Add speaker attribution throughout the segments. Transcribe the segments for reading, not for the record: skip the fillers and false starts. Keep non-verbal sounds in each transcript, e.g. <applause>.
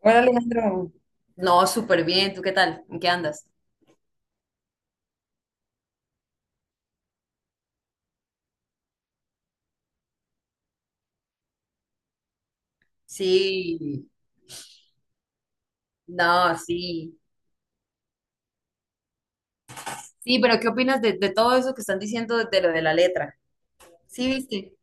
Speaker 1: Hola, Alejandro. No, súper bien. ¿Tú qué tal? ¿En qué andas? Sí, no, sí. Sí, pero ¿qué opinas de todo eso que están diciendo de lo de la letra? Sí, viste.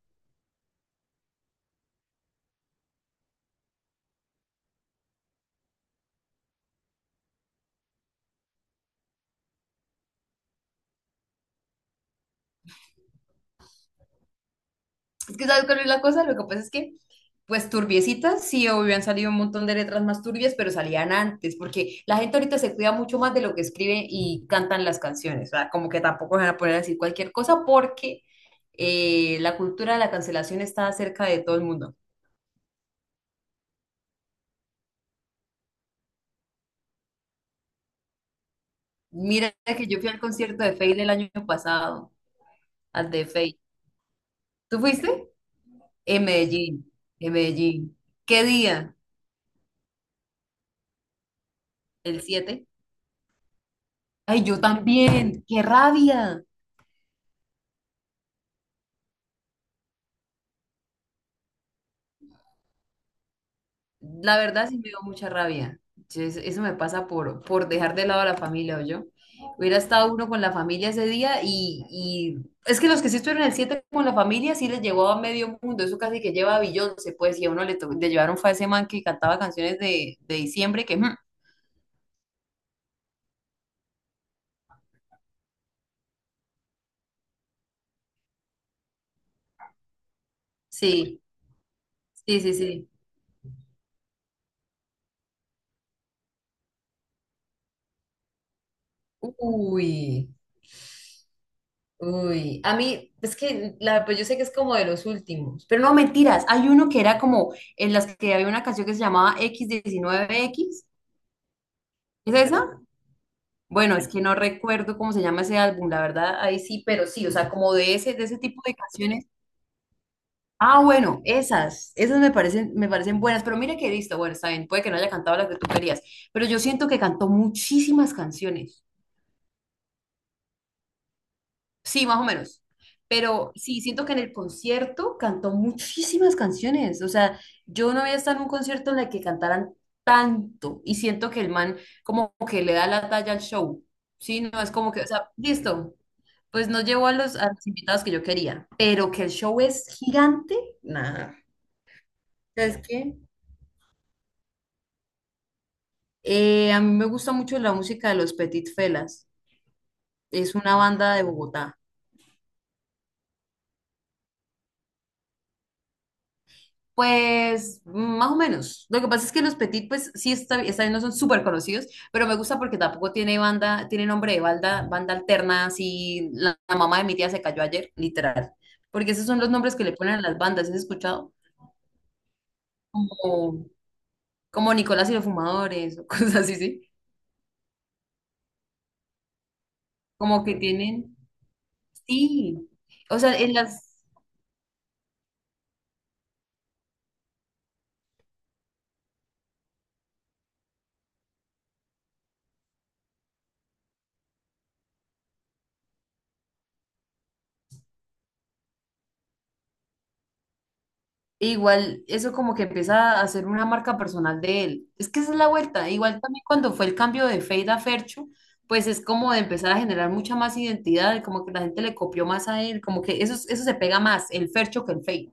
Speaker 1: Es que ¿sabes cuál es la cosa? Lo que pasa es que, pues turbiecitas, sí, obvio, han salido un montón de letras más turbias, pero salían antes, porque la gente ahorita se cuida mucho más de lo que escribe y cantan las canciones. O sea, como que tampoco se van a poner a decir cualquier cosa porque la cultura de la cancelación está cerca de todo el mundo. Mira que yo fui al concierto de Feid el año pasado, al de Feid. ¿Tú fuiste? En Medellín, en Medellín. ¿Qué día? ¿El 7? Ay, yo también. ¡Qué rabia! La verdad sí me dio mucha rabia. Eso me pasa por dejar de lado a la familia, o yo. Hubiera estado uno con la familia ese día y es que los que sí estuvieron el 7 con la familia sí les llevó a medio mundo. Eso casi que lleva a Beyoncé, pues, y a uno le llevaron fue a ese man que cantaba canciones de diciembre Sí. Sí, sí, sí. Uy, uy. A mí, es que pues yo sé que es como de los últimos, pero no mentiras. Hay uno que era como en las que había una canción que se llamaba x diecinueve equis. ¿Es esa? Bueno, es que no recuerdo cómo se llama ese álbum, la verdad, ahí sí, pero sí, o sea, como de ese tipo de canciones. Ah, bueno, esas me parecen buenas, pero mira que listo, bueno, está bien, puede que no haya cantado las que tú querías, pero yo siento que cantó muchísimas canciones. Sí, más o menos. Pero sí, siento que en el concierto cantó muchísimas canciones. O sea, yo no había estado en un concierto en el que cantaran tanto. Y siento que el man como que le da la talla al show. Sí, no es como que, o sea, listo. Pues no llevó a los invitados que yo quería. Pero que el show es gigante, nada. ¿Sabes qué? A mí me gusta mucho la música de Los Petit Felas. Es una banda de Bogotá. Pues más o menos. Lo que pasa es que los Petit, pues sí, está bien, no son súper conocidos, pero me gusta porque tampoco tiene banda, tiene nombre de banda, banda alterna, así la mamá de mi tía se cayó ayer, literal. Porque esos son los nombres que le ponen a las bandas, ¿has escuchado? Como, como Nicolás y los Fumadores, <laughs> o cosas así, sí. Como que tienen, sí. O sea, en las, E Igual eso como que empieza a ser una marca personal de él. Es que esa es la vuelta. Igual también cuando fue el cambio de Fade a Fercho, pues es como de empezar a generar mucha más identidad, como que la gente le copió más a él, como que eso se pega más, el Fercho que el Fade.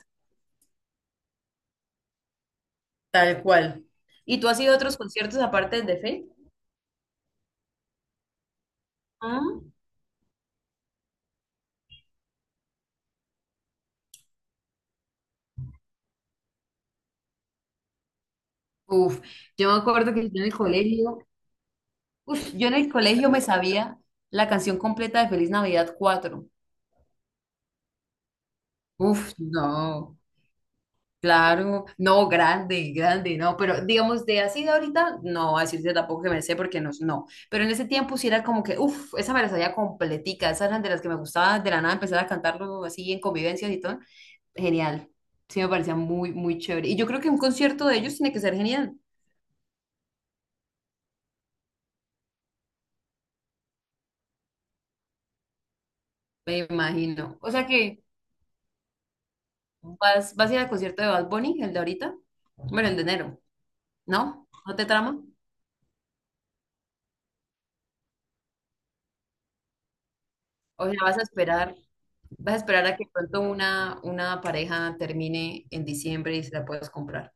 Speaker 1: Tal cual. ¿Y tú has ido a otros conciertos aparte del de Fade? Ah. Uf, yo me acuerdo que yo en el colegio me sabía la canción completa de Feliz Navidad 4. Uf, no. Claro, no, grande, grande, no, pero digamos de así de ahorita, no, a decirte tampoco que me sé porque no, no, pero en ese tiempo sí era como que, uff, esa me la sabía completica, esas eran de las que me gustaba de la nada empezar a cantarlo así en convivencias y todo, genial, sí me parecía muy, muy chévere, y yo creo que un concierto de ellos tiene que ser genial, me imagino, o sea que vas a ir al concierto de Bad Bunny, el de ahorita, bueno, el de enero, ¿no? ¿No te trama? O sea, vas a esperar. Vas a esperar a que pronto una pareja termine en diciembre y se la puedas comprar.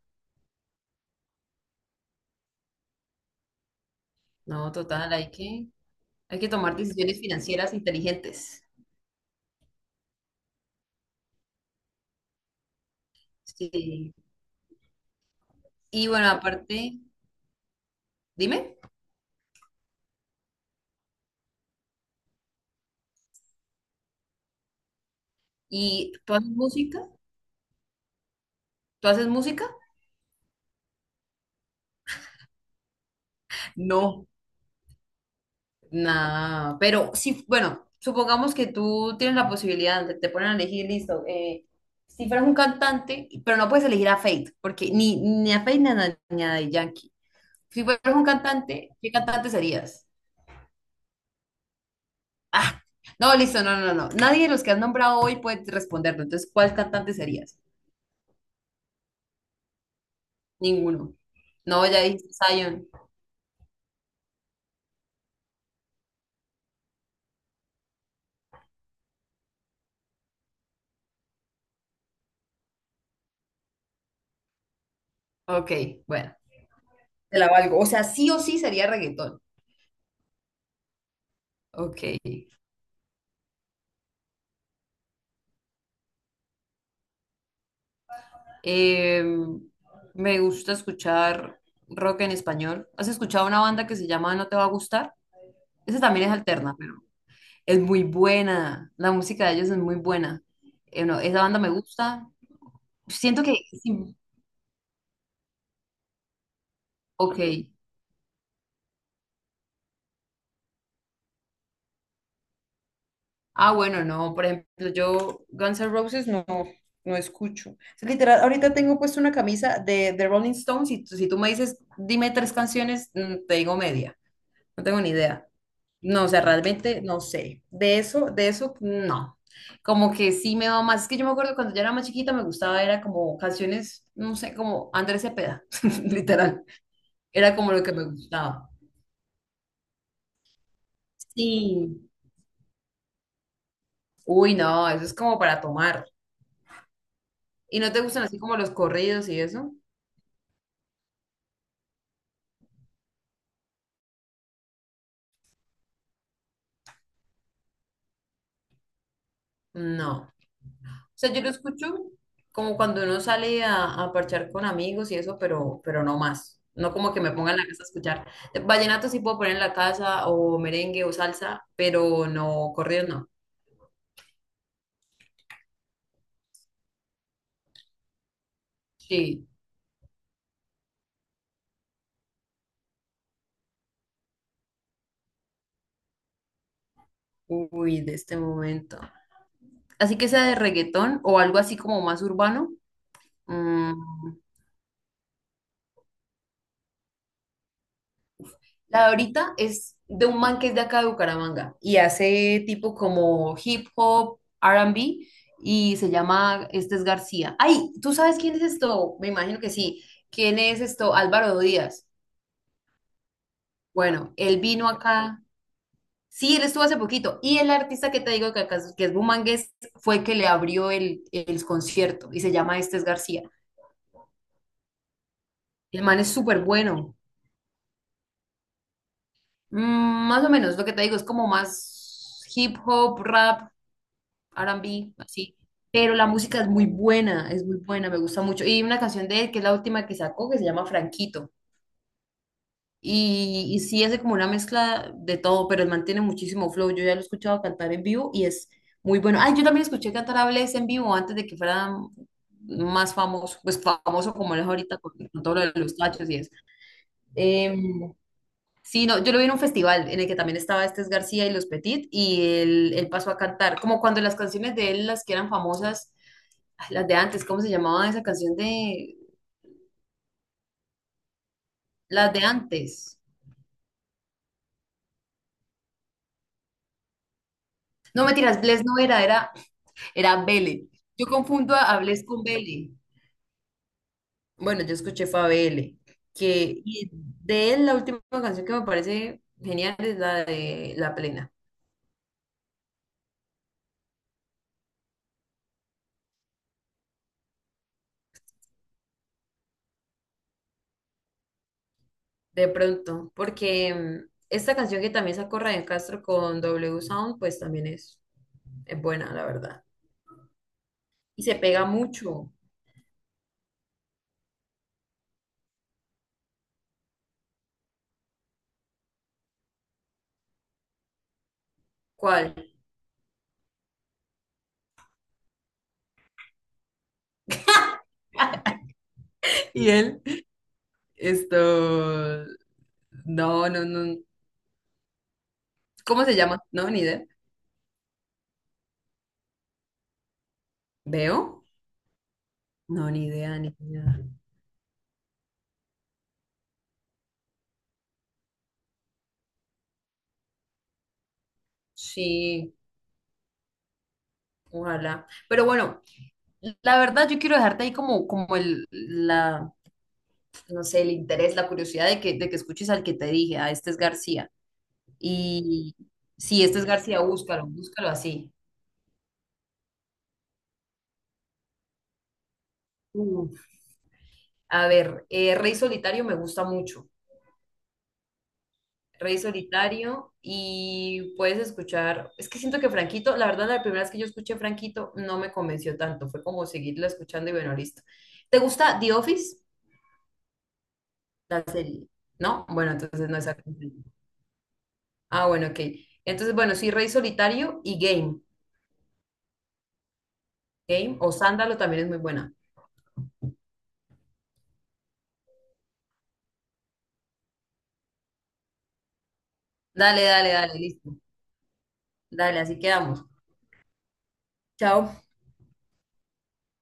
Speaker 1: No, total, hay que tomar decisiones financieras inteligentes. Sí. Y bueno, aparte, dime, ¿y tú haces música? ¿Tú haces música? No. Nada, pero sí, bueno, supongamos que tú tienes la posibilidad, te ponen a elegir, listo, si fueras un cantante, pero no puedes elegir a Fate, porque ni a Fate ni a Daddy Yankee. Si fueras un cantante, ¿qué cantante serías? Ah, no, listo, no, no, no. Nadie de los que has nombrado hoy puede responderlo. Entonces, ¿cuál cantante serías? Ninguno. No, ya dijiste Zion. Ok, bueno, te la valgo. O sea, sí o sí sería reggaetón. Ok. Em, Me gusta escuchar rock en español. ¿Has escuchado una banda que se llama No te va a gustar? Esa también es alterna, pero es muy buena. La música de ellos es muy buena. No, esa banda me gusta. Siento que sí. Ok. Ah, bueno, no, por ejemplo, yo Guns N' Roses no, no escucho. O sea, literal, ahorita tengo puesto una camisa de Rolling Stones y si tú me dices, dime tres canciones, te digo media. No tengo ni idea. No, o sea, realmente no sé. De eso, no. Como que sí me va más. Es que yo me acuerdo cuando yo era más chiquita me gustaba, era como canciones, no sé, como Andrés Cepeda, <laughs> literal. Era como lo que me gustaba. Sí. Uy, no, eso es como para tomar. ¿Y no te gustan así como los corridos y eso? No. O sea, yo lo escucho como cuando uno sale a parchar con amigos y eso, pero no más. No como que me ponga en la casa a escuchar. Vallenato sí puedo poner en la casa, o merengue o salsa, pero no, corridos no. Sí. Uy, de este momento. Así que sea de reggaetón o algo así como más urbano. mm, La de ahorita es de un man que es de acá de Bucaramanga y hace tipo como hip hop, R&B y se llama, este es García. Ay, ¿tú sabes quién es esto? Me imagino que sí. ¿Quién es esto? Álvaro Díaz. Bueno, él vino acá. Sí, él estuvo hace poquito. Y el artista que te digo que, que es bumangués fue que le abrió el concierto y se llama Este es García. El man es súper bueno. Mm, más o menos, lo que te digo es como más hip hop, rap, R&B, así. Pero la música es muy buena, me gusta mucho. Y una canción de él, que es la última que sacó, que se llama Franquito. Y sí hace como una mezcla de todo, pero él mantiene muchísimo flow. Yo ya lo he escuchado cantar en vivo y es muy bueno. Ay, yo también escuché cantar a Bless en vivo antes de que fuera más famoso, pues famoso como él es ahorita con todo lo de los tachos y eso. Em, sí, no, yo lo vi en un festival en el que también estaba Estes García y Los Petit y él pasó a cantar, como cuando las canciones de él, las que eran famosas. Ay, las de antes, ¿cómo se llamaba esa canción de las de antes? No, mentiras, Bless no era Bele. Yo confundo a Bless con Bele. Bueno, yo escuché fue a Bele, que y de él la última canción que me parece genial es la de La Plena, de pronto, porque esta canción que también sacó Ryan Castro con W Sound, pues también es buena, la verdad. Y se pega mucho. ¿Cuál? <laughs> Y él, esto, no, no, no. ¿Cómo se llama? No, ni idea. ¿Veo? No, ni idea, ni idea. Sí, ojalá. Pero bueno, la verdad yo quiero dejarte ahí como el, la, no sé, el interés, la curiosidad de que escuches al que te dije, a este es García. Y sí, este es García, búscalo, búscalo así. Uf. A ver, Rey Solitario me gusta mucho. Rey Solitario y puedes escuchar, es que siento que Franquito, la verdad la primera vez que yo escuché Franquito no me convenció tanto, fue como seguirla escuchando y bueno, listo. ¿Te gusta The Office? La serie, ¿no? Bueno, entonces no es acá. Ah, bueno, ok. Entonces, bueno, sí, Rey Solitario y Game. Game o Sándalo también es muy buena. Dale, dale, dale, listo. Dale, así quedamos. Chao.